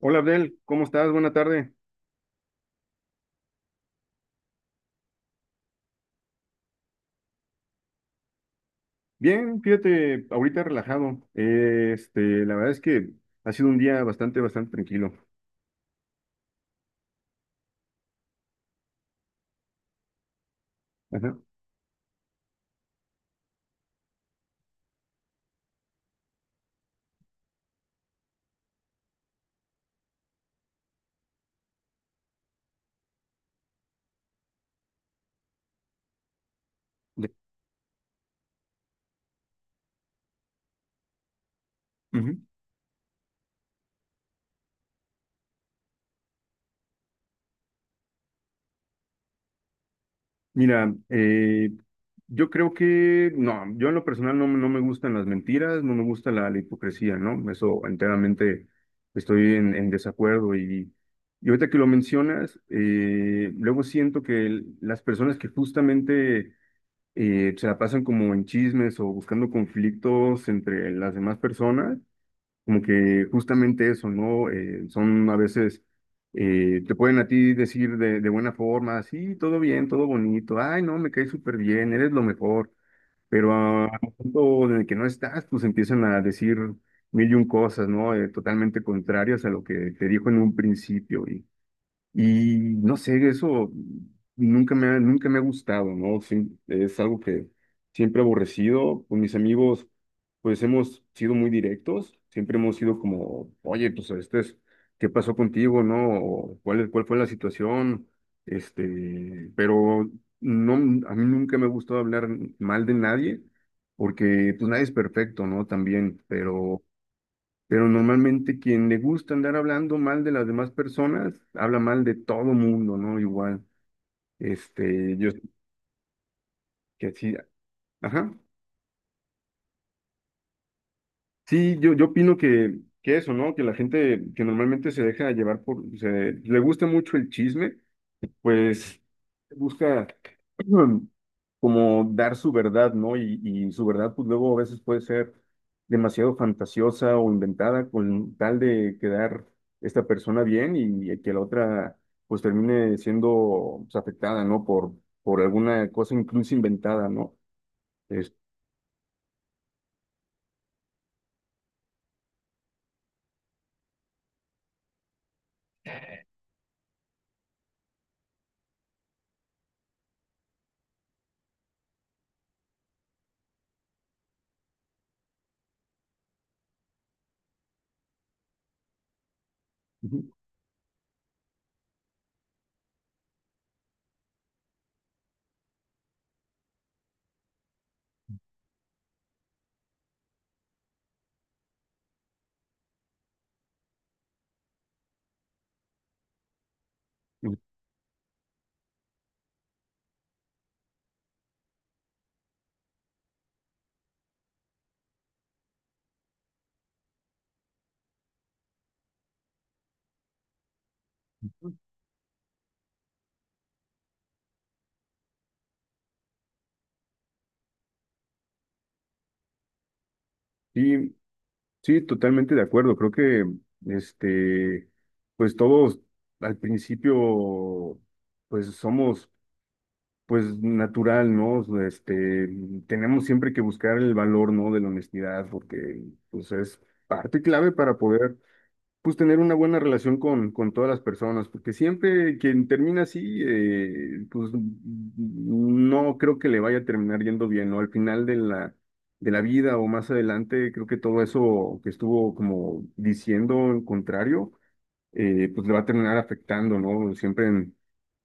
Hola Abdel, ¿cómo estás? Buena tarde. Bien, fíjate, ahorita relajado. La verdad es que ha sido un día bastante tranquilo. Ajá. De- Ujú. Mira, yo creo que, no, yo en lo personal no, no me gustan las mentiras, no me gusta la hipocresía, ¿no? Eso enteramente estoy en desacuerdo y ahorita que lo mencionas, luego siento que las personas que justamente se la pasan como en chismes o buscando conflictos entre las demás personas, como que justamente eso, ¿no? Son a veces, te pueden a ti decir de buena forma, sí, todo bien, todo bonito, ay, no, me caes súper bien, eres lo mejor, pero a al punto en el que no estás, pues empiezan a decir mil y un cosas, ¿no? Totalmente contrarias a lo que te dijo en un principio y no sé, eso nunca me ha gustado, ¿no? Sí, es algo que siempre he aborrecido. Con mis amigos, pues hemos sido muy directos, siempre hemos sido como, oye, pues este es, ¿qué pasó contigo, no? O, ¿ cuál fue la situación? Pero no, a mí nunca me ha gustado hablar mal de nadie, porque pues nadie es perfecto, ¿no? También, pero normalmente quien le gusta andar hablando mal de las demás personas, habla mal de todo mundo, ¿no? Igual, este, yo, que sí, ajá. Sí, yo opino que eso, ¿no? Que la gente que normalmente se deja llevar por, se, le gusta mucho el chisme pues busca mm, como dar su verdad, ¿no? Y su verdad, pues luego a veces puede ser demasiado fantasiosa o inventada con tal de quedar esta persona bien y, que la otra pues termine siendo pues, afectada, ¿no? Por alguna cosa incluso inventada, ¿no? Es- ujú, ujú. Sí, sí, totalmente de acuerdo. Creo que, este, pues todos al principio, pues somos pues natural, ¿no? Tenemos siempre que buscar el valor, ¿no? De la honestidad, porque pues es parte clave para poder, pues, tener una buena relación con todas las personas, porque siempre quien termina así, pues, no creo que le vaya a terminar yendo bien, ¿no? Al final de de la vida o más adelante, creo que todo eso que estuvo como diciendo en contrario, pues le va a terminar afectando, ¿no? Siempre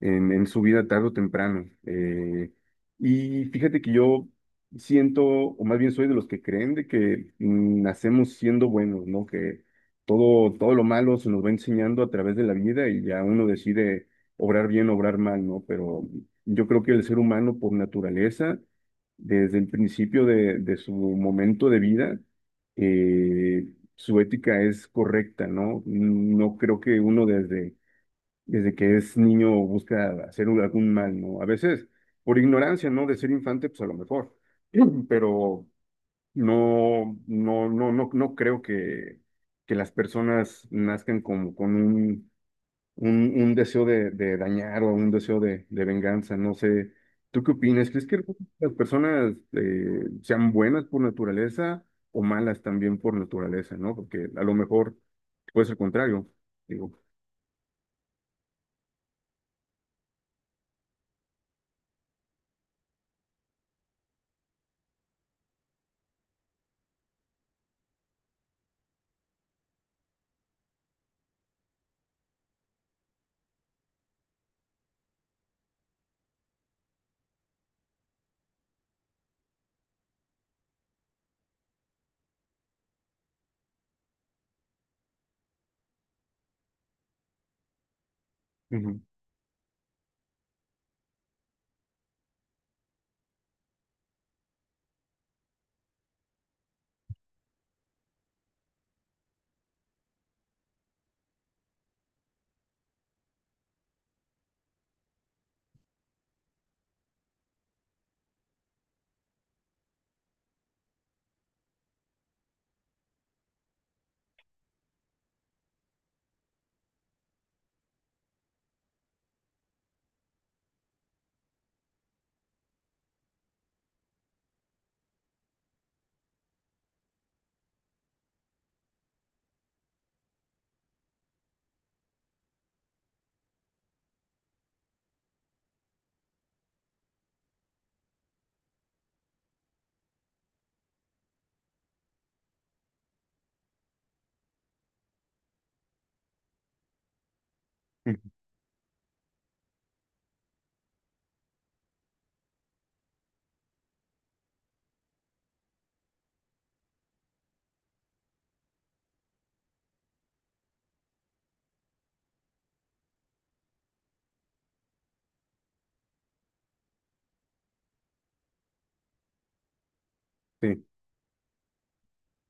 en su vida tarde o temprano. Y fíjate que yo siento, o más bien soy de los que creen de que nacemos siendo buenos, ¿no? Que todo lo malo se nos va enseñando a través de la vida y ya uno decide obrar bien, obrar mal, ¿no? Pero yo creo que el ser humano por naturaleza, desde el principio de su momento de vida, eh, su ética es correcta, ¿no? No creo que uno desde que es niño busca hacer algún mal, ¿no? A veces por ignorancia, ¿no? De ser infante, pues a lo mejor, pero no, no, no, no, no creo que las personas nazcan con un, un deseo de dañar o un deseo de venganza, no sé. ¿Tú qué opinas? ¿Crees que las personas sean buenas por naturaleza o malas también por naturaleza, ¿no? Porque a lo mejor puede ser contrario, digo. Ujú, ujú, sí.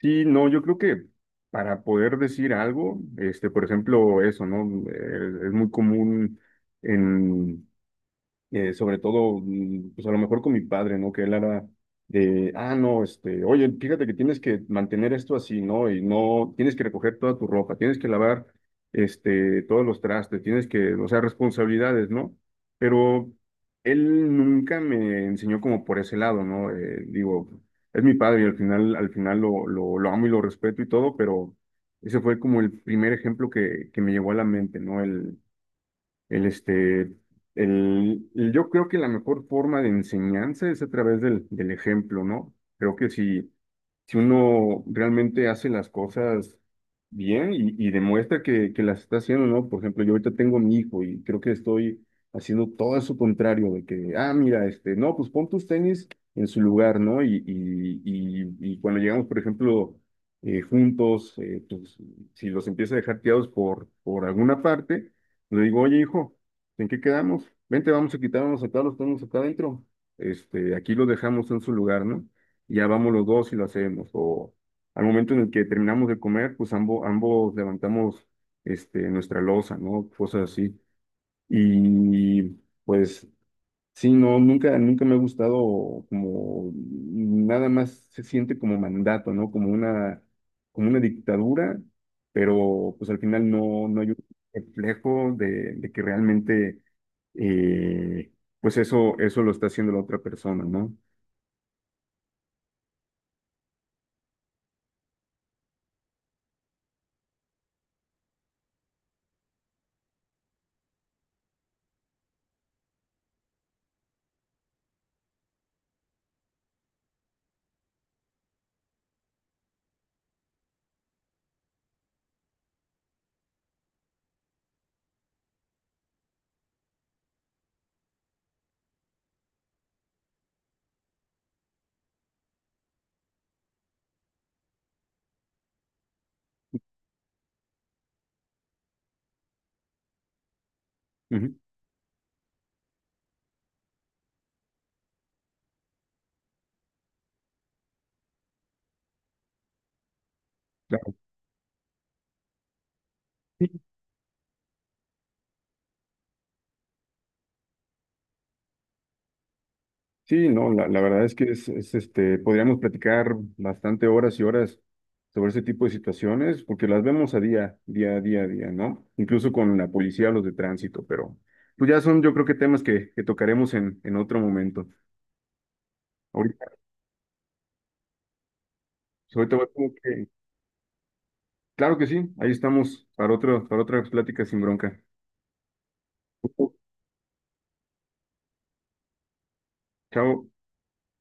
Sí, no, yo creo que para poder decir algo, este, por ejemplo, eso, ¿no? Es muy común en, sobre todo, pues a lo mejor con mi padre, ¿no? Que él era de, ah, no, este, oye, fíjate que tienes que mantener esto así, ¿no? Y no, tienes que recoger toda tu ropa, tienes que lavar, todos los trastes, tienes que, o sea, responsabilidades, ¿no? Pero él nunca me enseñó como por ese lado, ¿no? Digo, es mi padre y al final lo amo y lo respeto y todo, pero ese fue como el primer ejemplo que me llegó a la mente, ¿no? El, este, el- yo creo que la mejor forma de enseñanza es a través del, del ejemplo, ¿no? Creo que si, si uno realmente hace las cosas bien y demuestra que las está haciendo, ¿no? Por ejemplo, yo ahorita tengo a mi hijo y creo que estoy haciendo todo eso contrario, de que, ah, mira, este, no, pues pon tus tenis en su lugar, ¿no? Y cuando llegamos, por ejemplo, juntos, pues, si los empieza a dejar tirados por alguna parte, le digo, oye, hijo, ¿en qué quedamos? Vente, vamos a quitarnos acá, los tenemos acá adentro. Aquí los dejamos en su lugar, ¿no? Ya vamos los dos y lo hacemos. O al momento en el que terminamos de comer, pues ambos levantamos nuestra loza, ¿no? Cosas así. Y pues sí, no, nunca me ha gustado como nada más se siente como mandato, ¿no? Como una dictadura, pero pues al final no, no hay un reflejo de que realmente eh, pues eso lo está haciendo la otra persona, ¿no? Ujú, claro. Sí, no, la verdad es que podríamos platicar bastante horas y horas sobre ese tipo de situaciones, porque las vemos a día, día, día, día, ¿no? Incluso con la policía, los de tránsito, pero pues ya son, yo creo que temas que tocaremos en otro momento. Ahorita, ahorita voy como que, claro que sí, ahí estamos para otro, para otra plática sin bronca. Chao.